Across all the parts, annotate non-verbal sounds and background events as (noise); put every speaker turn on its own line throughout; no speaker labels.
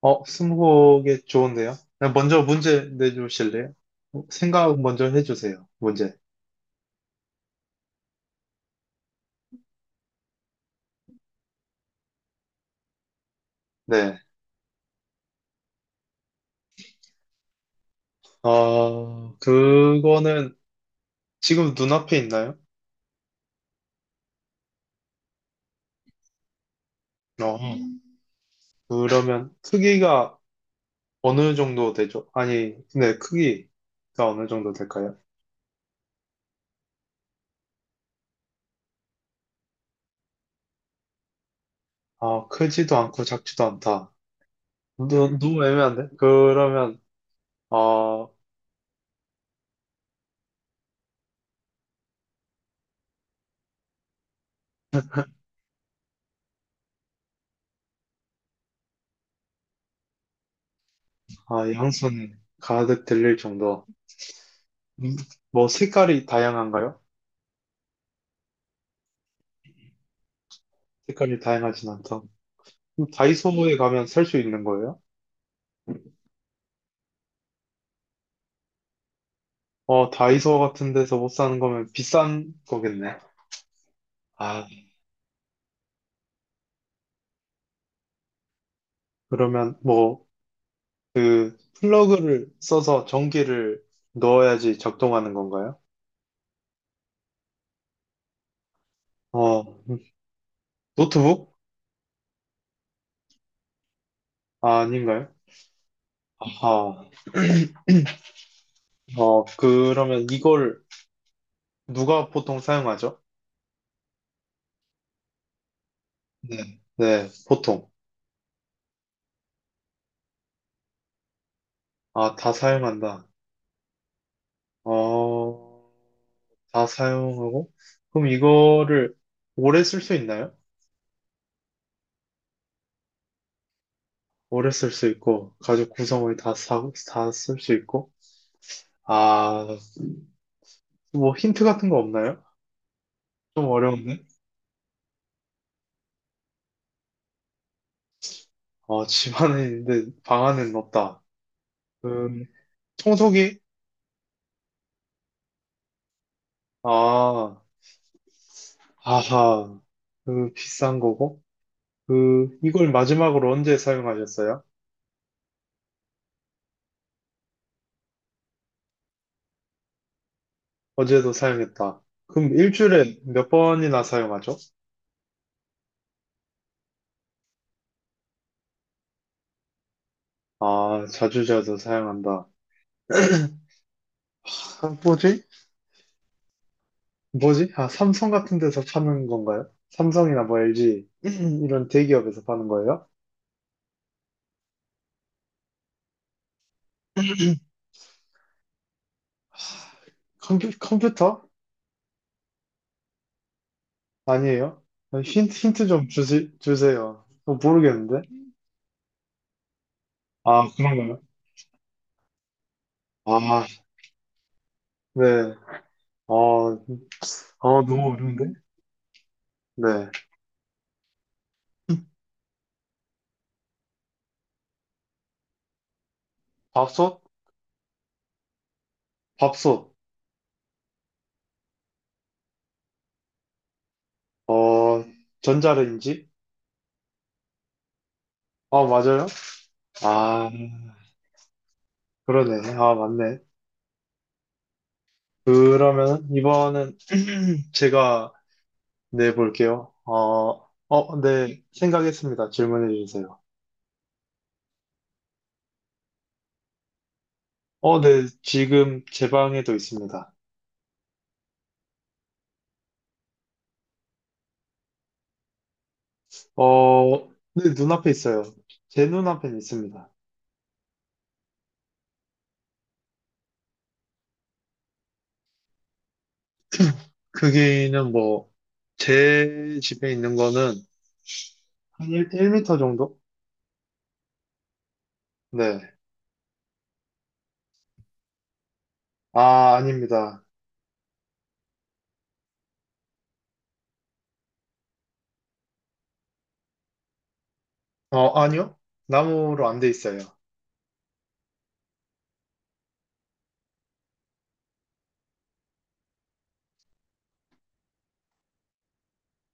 어, 스무고개 좋은데요? 그냥 먼저 문제 내주실래요? 어, 생각 먼저 해주세요. 문제. 네. 어, 그거는 지금 눈앞에 있나요? 어, 그러면 크기가 어느 정도 되죠? 아니, 네, 크기가 어느 정도 될까요? 어, 크지도 않고 작지도 않다. 너, 너무 애매한데? 그러면, 어, 아, 양손 가득 들릴 정도. 음, 뭐, 색깔이 다양한가요? 색깔이 다양하진 않다. 그럼 다이소에 가면 살 수 있는 거예요? 어, 다이소 같은 데서 못 사는 거면 비싼 거겠네. 아, 그러면 뭐, 그, 플러그를 써서 전기를 넣어야지 작동하는 건가요? 어, 노트북? 아, 아닌가요? 아하. 어, 그러면 이걸 누가 보통 사용하죠? 네. 네, 보통. 아, 다 사용한다. 어, 다 사용하고? 그럼 이거를 오래 쓸 수 있나요? 오래 쓸 수 있고, 가죽 구성을 다 사, 다쓸 수 있고. 아, 뭐 힌트 같은 거 없나요? 좀 어려운데? 어, (laughs) 집 안에 있는데 방 안에는 없다. 음, 청소기? 아, 아하. 그 비싼 거고. 그, 이걸 마지막으로 언제 사용하셨어요? 어제도 사용했다. 그럼 일주일에 몇 번이나 사용하죠? 아, 자주자주 사용한다. 아, 뭐지? 뭐지? 아, 삼성 같은 데서 파는 건가요? 삼성이나 뭐 LG (clears throat) 이런 대기업에서 파는 거예요? 컴퓨터? 아니에요? 아니, 힌트 좀 주세요. 어, 모르겠는데? 아, 그런가요? 아, 네. 어, 어, 너무 어려운데? 네. 밥솥? 밥솥. 어, 전자레인지? 아, 맞아요? 아, 그러네. 아, 맞네. 그러면 이번은 (clears throat) 제가 네, 볼게요. 어, 어, 네, 생각했습니다. 질문해 주세요. 어, 네, 지금 제 방에도 있습니다. 어, 네, 눈앞에 있어요. 제 눈앞에 있습니다. 크기는 뭐, 제 집에 있는 거는 한 일미터 정도? 네. 아, 아닙니다. 어, 아니요. 나무로 안 돼 있어요.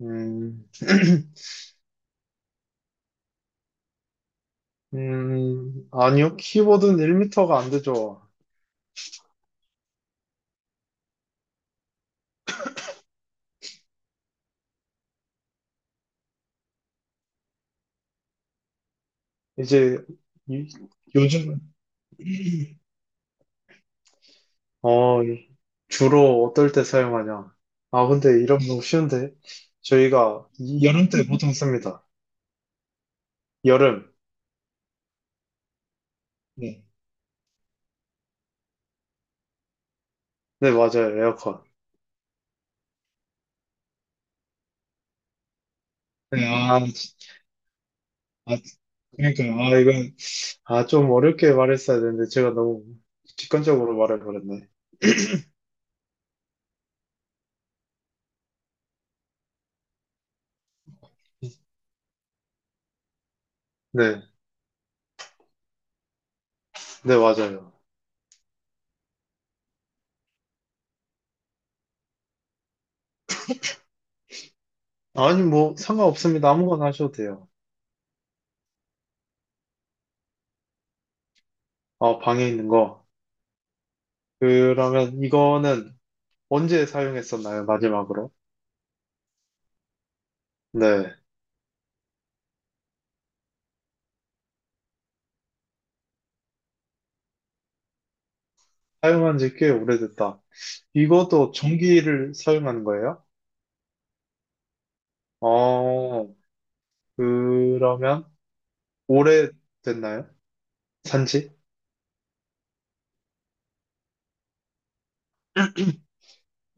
음, (clears throat) 아니요. 키보드는 1미터가 안 되죠. 이제, 이- 요즘, 어, 주로 어떨 때 사용하냐? 아, 근데 이런 거 너무 쉬운데? 저희가 여름 때 보통 씁니다. 여름. 네. 네, 맞아요. 에어컨. 네, 아, 아, 그러니까, 아, 이건, 아, 좀 어렵게 말했어야 되는데 제가 너무 직관적으로 말해버렸네. 네, 네, 맞아요. 아니, 뭐, 상관없습니다. 아무거나 하셔도 돼요. 아 방에 있는 거. 그러면 이거는 언제 사용했었나요? 마지막으로. 네, 사용한 지 꽤 오래됐다. 이것도 전기를 사용하는 거예요? 어, 그러면 오래됐나요? 산지?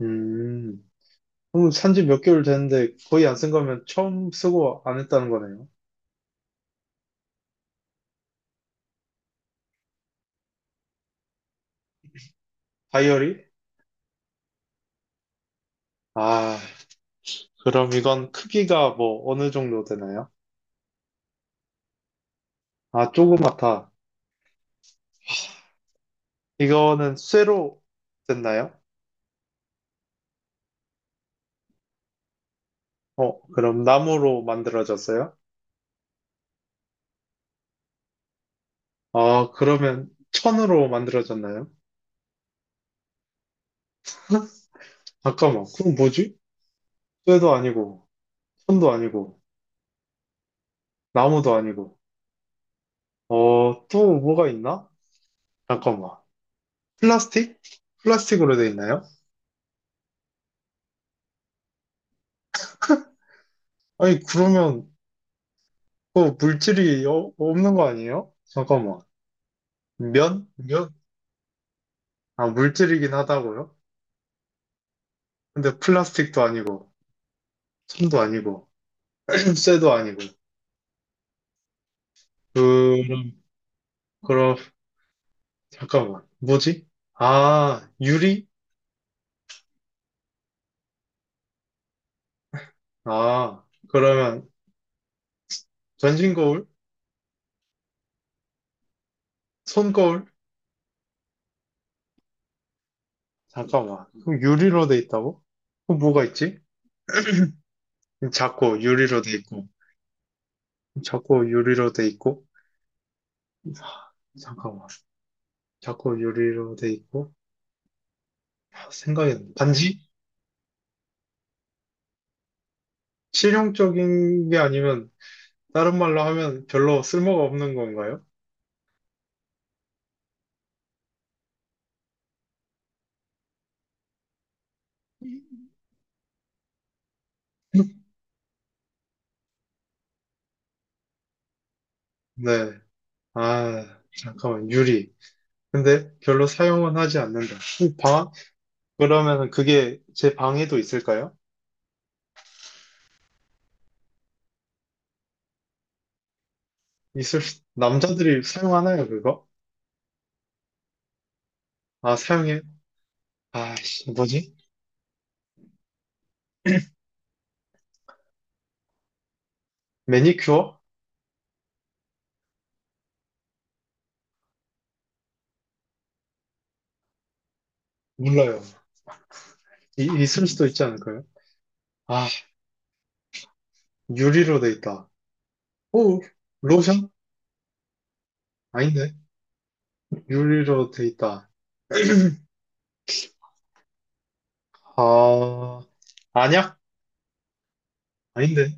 음, 그럼 산지 몇 개월 됐는데 거의 안 쓴 거면 처음 쓰고 안 했다는 거네요. 다이어리? 아, 그럼 이건 크기가 뭐 어느 정도 되나요? 아, 조그맣다. 이거는 쇠로 됐나요? 어, 그럼 나무로 만들어졌어요? 아, 그러면 천으로 만들어졌나요? 잠깐만, 그럼 뭐지? 쇠도 아니고, 천도 아니고. 나무도 아니고. 어, 또 뭐가 있나? 잠깐만. 플라스틱? 플라스틱으로 돼 있나요? 아니, 그러면 그 물질이 없는 거 아니에요? 잠깐만. 면? 면? 아, 물질이긴 하다고요? 근데 플라스틱도 아니고, 천도 아니고, (clears throat) 쇠도 아니고. 그럼, 그럼, 잠깐만. 뭐지? 아, 유리? 아, 그러면 전신 거울? 손 거울? 잠깐만. 그럼 유리로 돼 있다고? 그럼 뭐가 있지? 작고 유리로 돼 있고. 자꾸 유리로 돼 있고 아, 잠깐만 자꾸 유리로 돼 있고 아, 생각이 안 나. 반지? 실용적인 게 아니면 다른 말로 하면 별로 쓸모가 없는 건가요? 네. 아, 잠깐만 유리. 근데 별로 사용은 하지 않는다. 이 방 그러면 그게 제 방에도 있을까요? 있을 수- 남자들이 사용하나요 그거? 아 사용해. 아씨 뭐지? 매니큐어? 몰라요. 있을 수도 있지 않을까요? 아 유리로 돼 있다. 오, 로션? 아닌데? 유리로 돼 있다. 아, 아니야? 아닌데?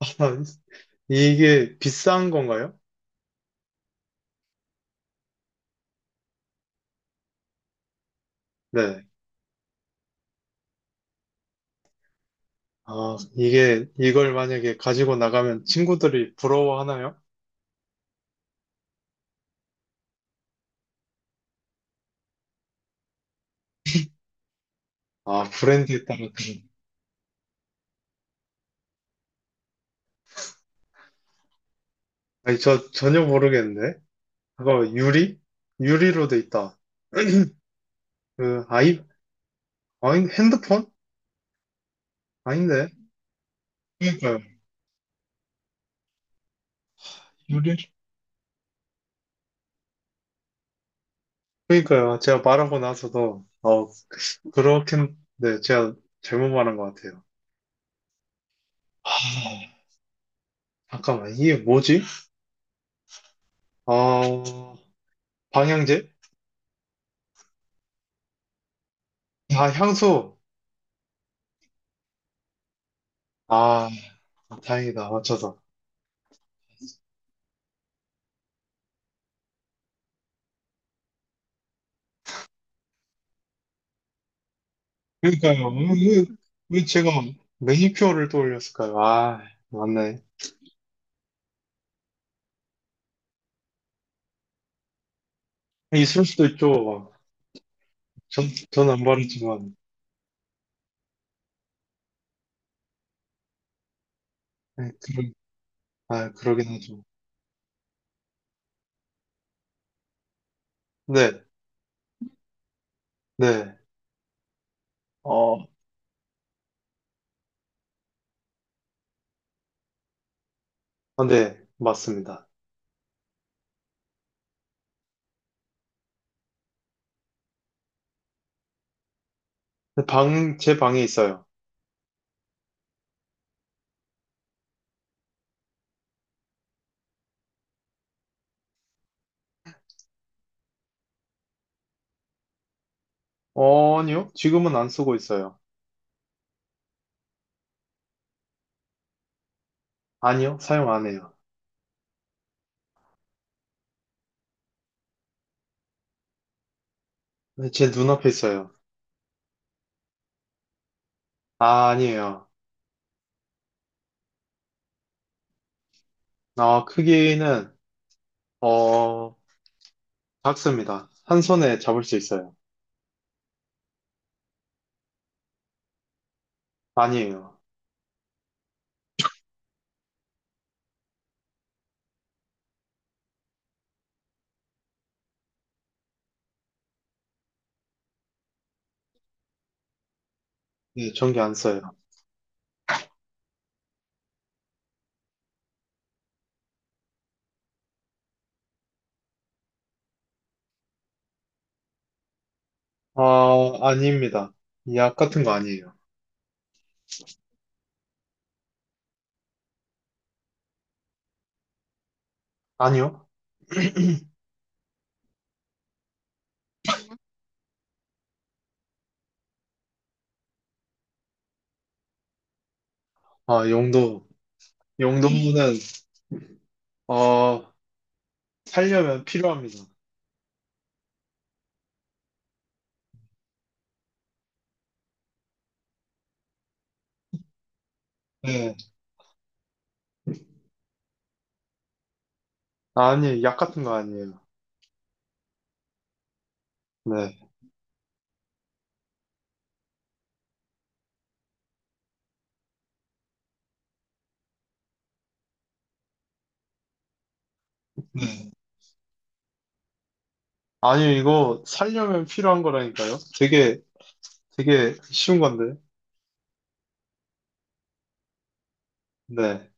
아, 이게 비싼 건가요? 네. 아, 이게, 이걸 만약에 가지고 나가면 친구들이 부러워하나요? 아, 브랜드에 따라. 아니, 저 전혀 모르겠는데? 그거 유리? 유리로 돼 있다. 그, 아이, 아니, 핸드폰? 아닌데? 그러니까요. 유리? 그러니까요. 제가 말하고 나서도, 어, 그렇긴, 네, 제가 잘못 말한 것 같아요. 아, 잠깐만, 이게 뭐지? 아, 방향제? 아, 향수. 아, 다행이다. 맞춰서. 그러니까요. 왜 제가 매니큐어를 떠올렸을까요? 아, 맞네. 있을 수도 있죠. 막. 전, 전안 바르지만. 네, 그러, 아, 그러긴 하죠. 네, 네. 어, 아, 네, 맞습니다. 방, 제 방에 있어요. 어, 아니요. 지금은 안 쓰고 있어요. 아니요. 사용 안 해요. 네, 제 눈앞에 있어요. 아, 아니에요. 어, 크기는, 어, 작습니다. 한 손에 잡을 수 있어요. 아니에요. 네, 전기 안 써요. 아, 아닙니다. 약 같은 거 아니에요. 아니요. 아, 용도. 용도는, 어, 살려면 필요합니다. 네. 아니, 약 같은 거 아니에요. 네. 네. 아니, 이거 살려면 필요한 거라니까요. 되게, 되게 쉬운 건데. 네.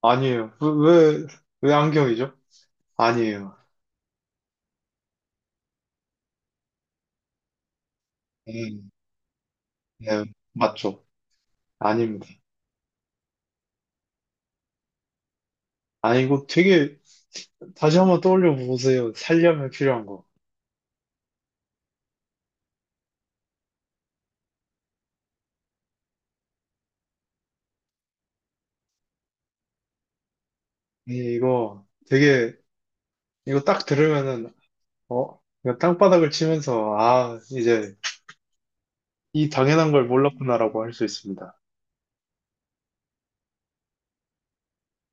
아니에요. 왜 안경이죠? 아니에요. 네. 네. 맞죠. 아닙니다. 아, 이거 되게, 다시 한 번 떠올려 보세요. 살려면 필요한 거. 이거 되게 이거 딱 들으면은 어 이거 땅바닥을 치면서 아 이제 이 당연한 걸 몰랐구나라고 할 수 있습니다.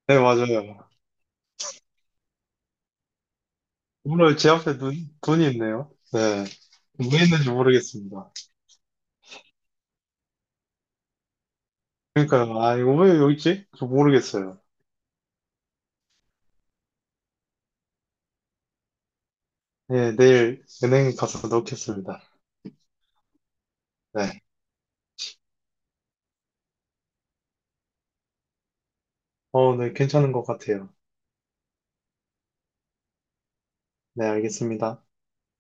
네 맞아요. 오늘 제 앞에 눈 눈이 있네요. 네. 왜 있는지 모르겠습니다. 그러니까요. 아 이거 왜 여기 있지? 저 모르겠어요. 네 내일 은행 가서 넣겠습니다. 네. 어, 네 괜찮은 것 같아요. 네 알겠습니다.